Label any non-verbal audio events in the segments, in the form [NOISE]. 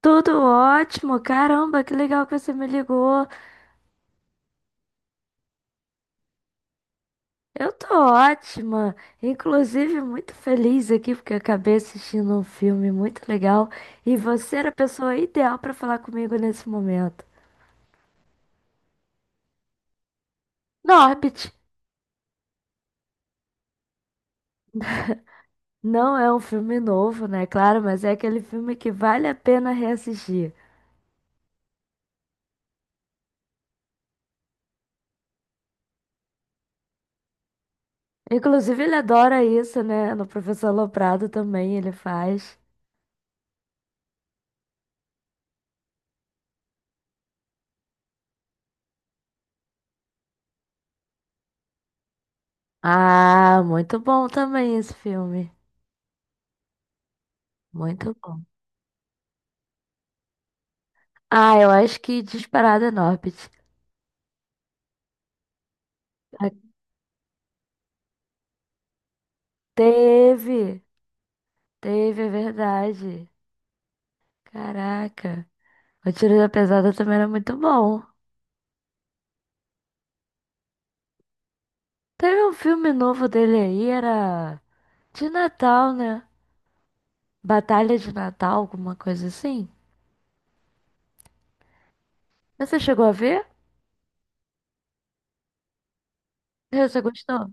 Tudo ótimo, caramba, que legal que você me ligou. Eu tô ótima, inclusive muito feliz aqui porque eu acabei assistindo um filme muito legal e você era a pessoa ideal pra falar comigo nesse momento. Norbit não é um filme novo, né? Claro, mas é aquele filme que vale a pena reassistir. Inclusive, ele adora isso, né? No Professor Loprado também ele faz. Ah, muito bom também esse filme. Muito bom. Ah, eu acho que disparada é Norbit. Ah, teve, teve, é verdade. Caraca, o Tiro da Pesada também era muito bom. Teve um filme novo dele aí, era de Natal, né? Batalha de Natal, alguma coisa assim. Você chegou a ver? Você gostou?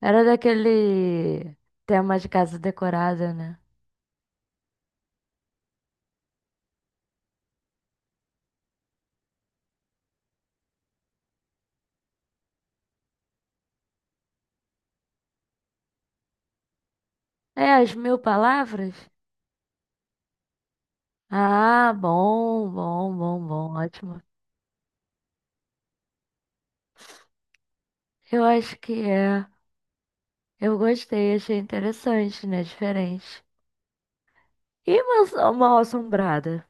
Era daquele tema de casa decorada, né? É, as mil palavras? Ah, bom, bom, bom, bom, ótimo. Eu acho que é. Eu gostei, achei interessante, né? Diferente. E uma Assombrada?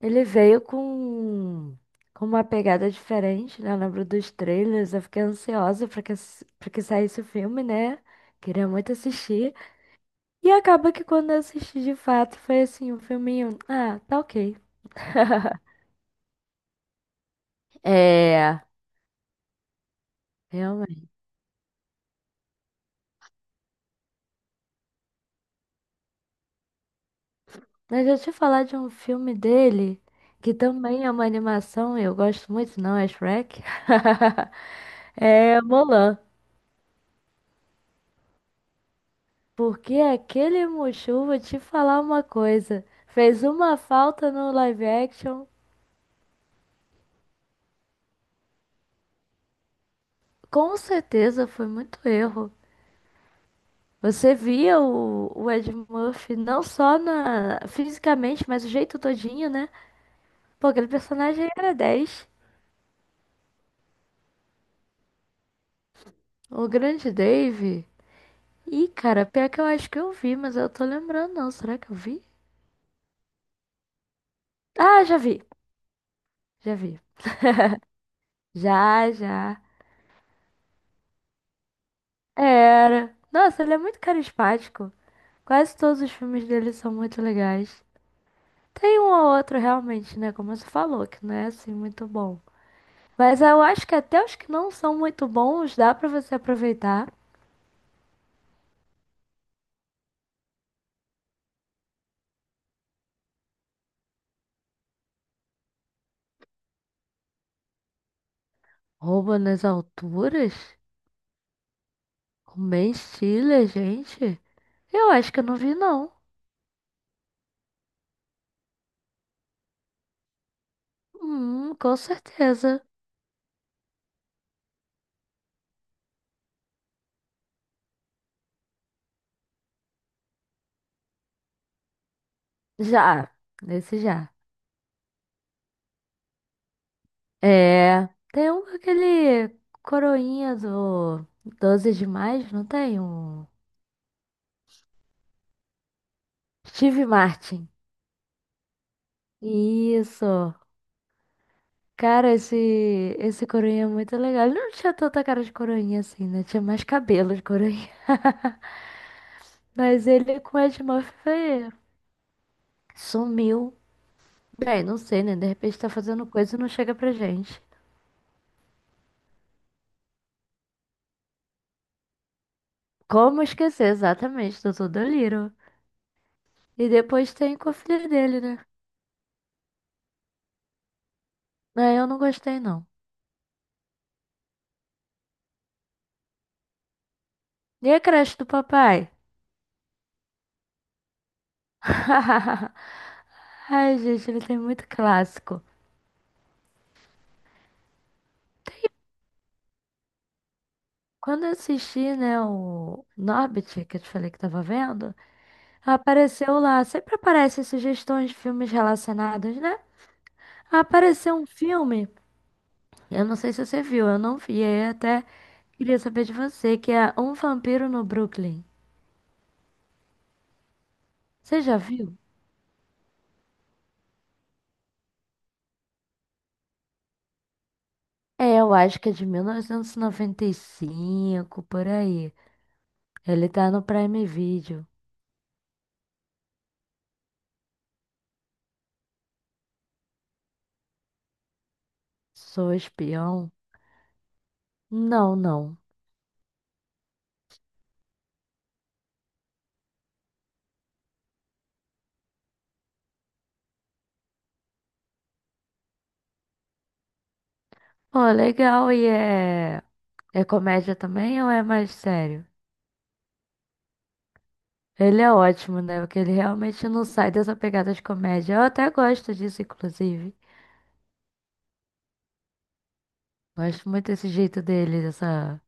Ele veio com uma pegada diferente, né? Eu lembro dos trailers, eu fiquei ansiosa pra que saísse o filme, né? Queria muito assistir. E acaba que quando eu assisti de fato, foi assim, um filminho. Ah, tá ok. [LAUGHS] É, realmente. Mas deixa eu te falar de um filme dele, que também é uma animação, eu gosto muito, não é Shrek? [LAUGHS] É Mulan. Porque aquele Mushu, vou te falar uma coisa, fez uma falta no live action, com certeza foi muito erro. Você via o Ed Murphy não só na, fisicamente, mas o jeito todinho, né? Pô, aquele personagem era 10. O grande Dave. Ih, cara, pior que eu acho que eu vi, mas eu tô lembrando não. Será que eu vi? Ah, já vi, já vi. Já, já. Era. Nossa, ele é muito carismático. Quase todos os filmes dele são muito legais. Tem um ou outro realmente, né? Como você falou, que não é assim muito bom. Mas eu acho que até os que não são muito bons, dá pra você aproveitar. Rouba nas alturas? Com Ben Stiller, gente? Eu acho que eu não vi, não. Com certeza. Já, esse já. É, tem um com aquele coroinha do 12 de mais, não tem? Um Steve Martin. Isso. Cara, esse coroinha é muito legal. Ele não tinha tanta cara de coroinha assim, né? Tinha mais cabelo de coroinha. [LAUGHS] Mas ele com Edmuff foi- sumiu. Bem, não sei, né? De repente tá fazendo coisa e não chega pra gente. Como esquecer exatamente do Tudo Little? E depois tem com a filha dele, né? Ah, eu não gostei, não. E a creche do papai? [LAUGHS] Ai, gente, ele tem muito clássico. Quando eu assisti, né, o Norbit, que eu te falei que tava vendo. Apareceu lá, sempre aparecem sugestões de filmes relacionados, né? Apareceu um filme, eu não sei se você viu, eu não vi, aí até queria saber de você, que é Um Vampiro no Brooklyn. Você já viu? É, eu acho que é de 1995, por aí. Ele tá no Prime Video. Sou espião? Não, não. Pô, legal, e é... É comédia também ou é mais sério? Ele é ótimo, né? Porque ele realmente não sai dessa pegada de comédia. Eu até gosto disso, inclusive. Gosto muito desse jeito dele,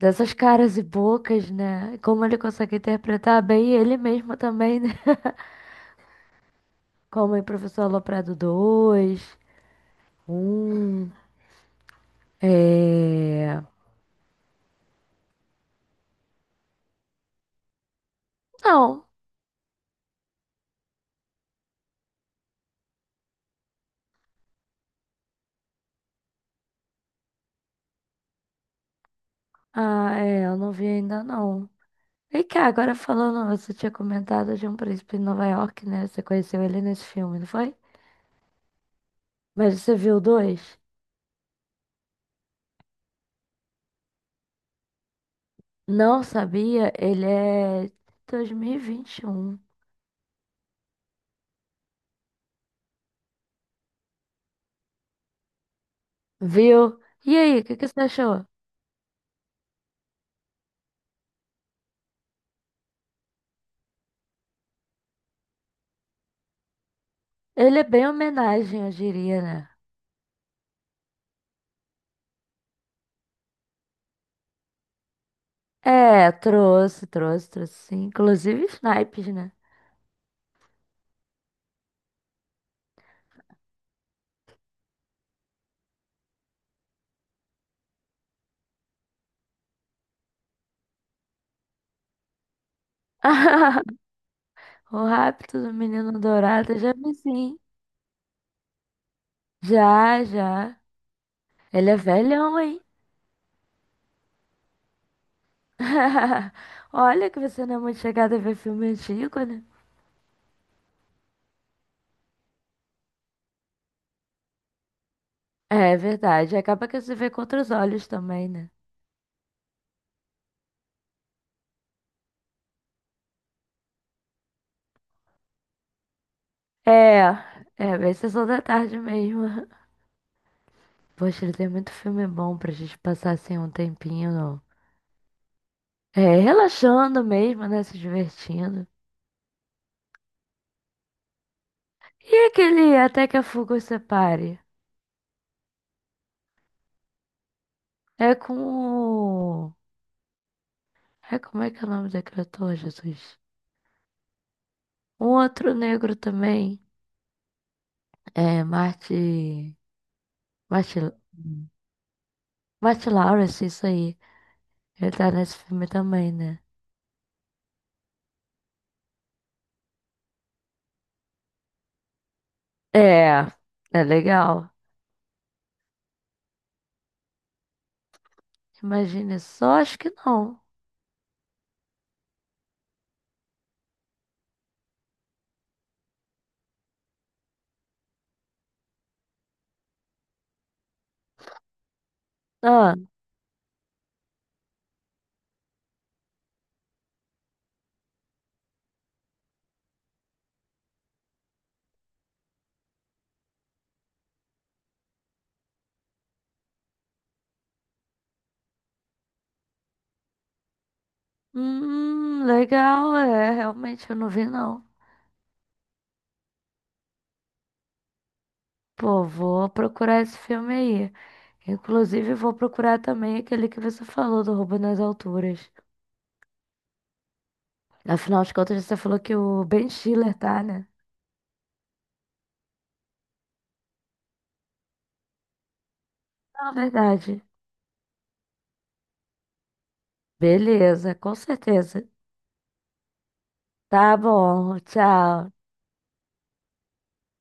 dessas caras e bocas, né? Como ele consegue interpretar bem ele mesmo também, né? [LAUGHS] Como em Professor Aloprado dois, um, é... Não. Ah, é, eu não vi ainda, não. E cá, agora falando, você tinha comentado de Um Príncipe em Nova York, né? Você conheceu ele nesse filme, não foi? Mas você viu o dois? Não sabia, ele é 2021. Viu? E aí, o que que você achou? Ele é bem homenagem, eu diria, né? É, trouxe, trouxe, trouxe sim. Inclusive snipes, né? [LAUGHS] O rapto do menino dourado, já vi sim. Já, já. Ele é velhão, hein? [LAUGHS] Olha que você não é muito chegada a ver filme antigo, né? É verdade. Acaba que você vê com outros olhos também, né? É, é bem sessão da tarde mesmo. [LAUGHS] Poxa, ele tem muito filme bom pra gente passar assim um tempinho, é, relaxando mesmo, né? Se divertindo. E aquele Até que a Fuga Os Separe? É com o... É, como é que é o nome daquele ator, Jesus? Um outro negro também. É, Marty... Marty... Marty Lawrence, isso aí. Ele tá nesse filme também, né? É, é legal. Imagine só, acho que não. Ah, legal, é, realmente eu não vi não. Pô, vou procurar esse filme aí. Inclusive, vou procurar também aquele que você falou do Roubo nas Alturas. Afinal de contas, você falou que o Ben Stiller tá, né? Não, verdade. Beleza, com certeza. Tá bom, tchau.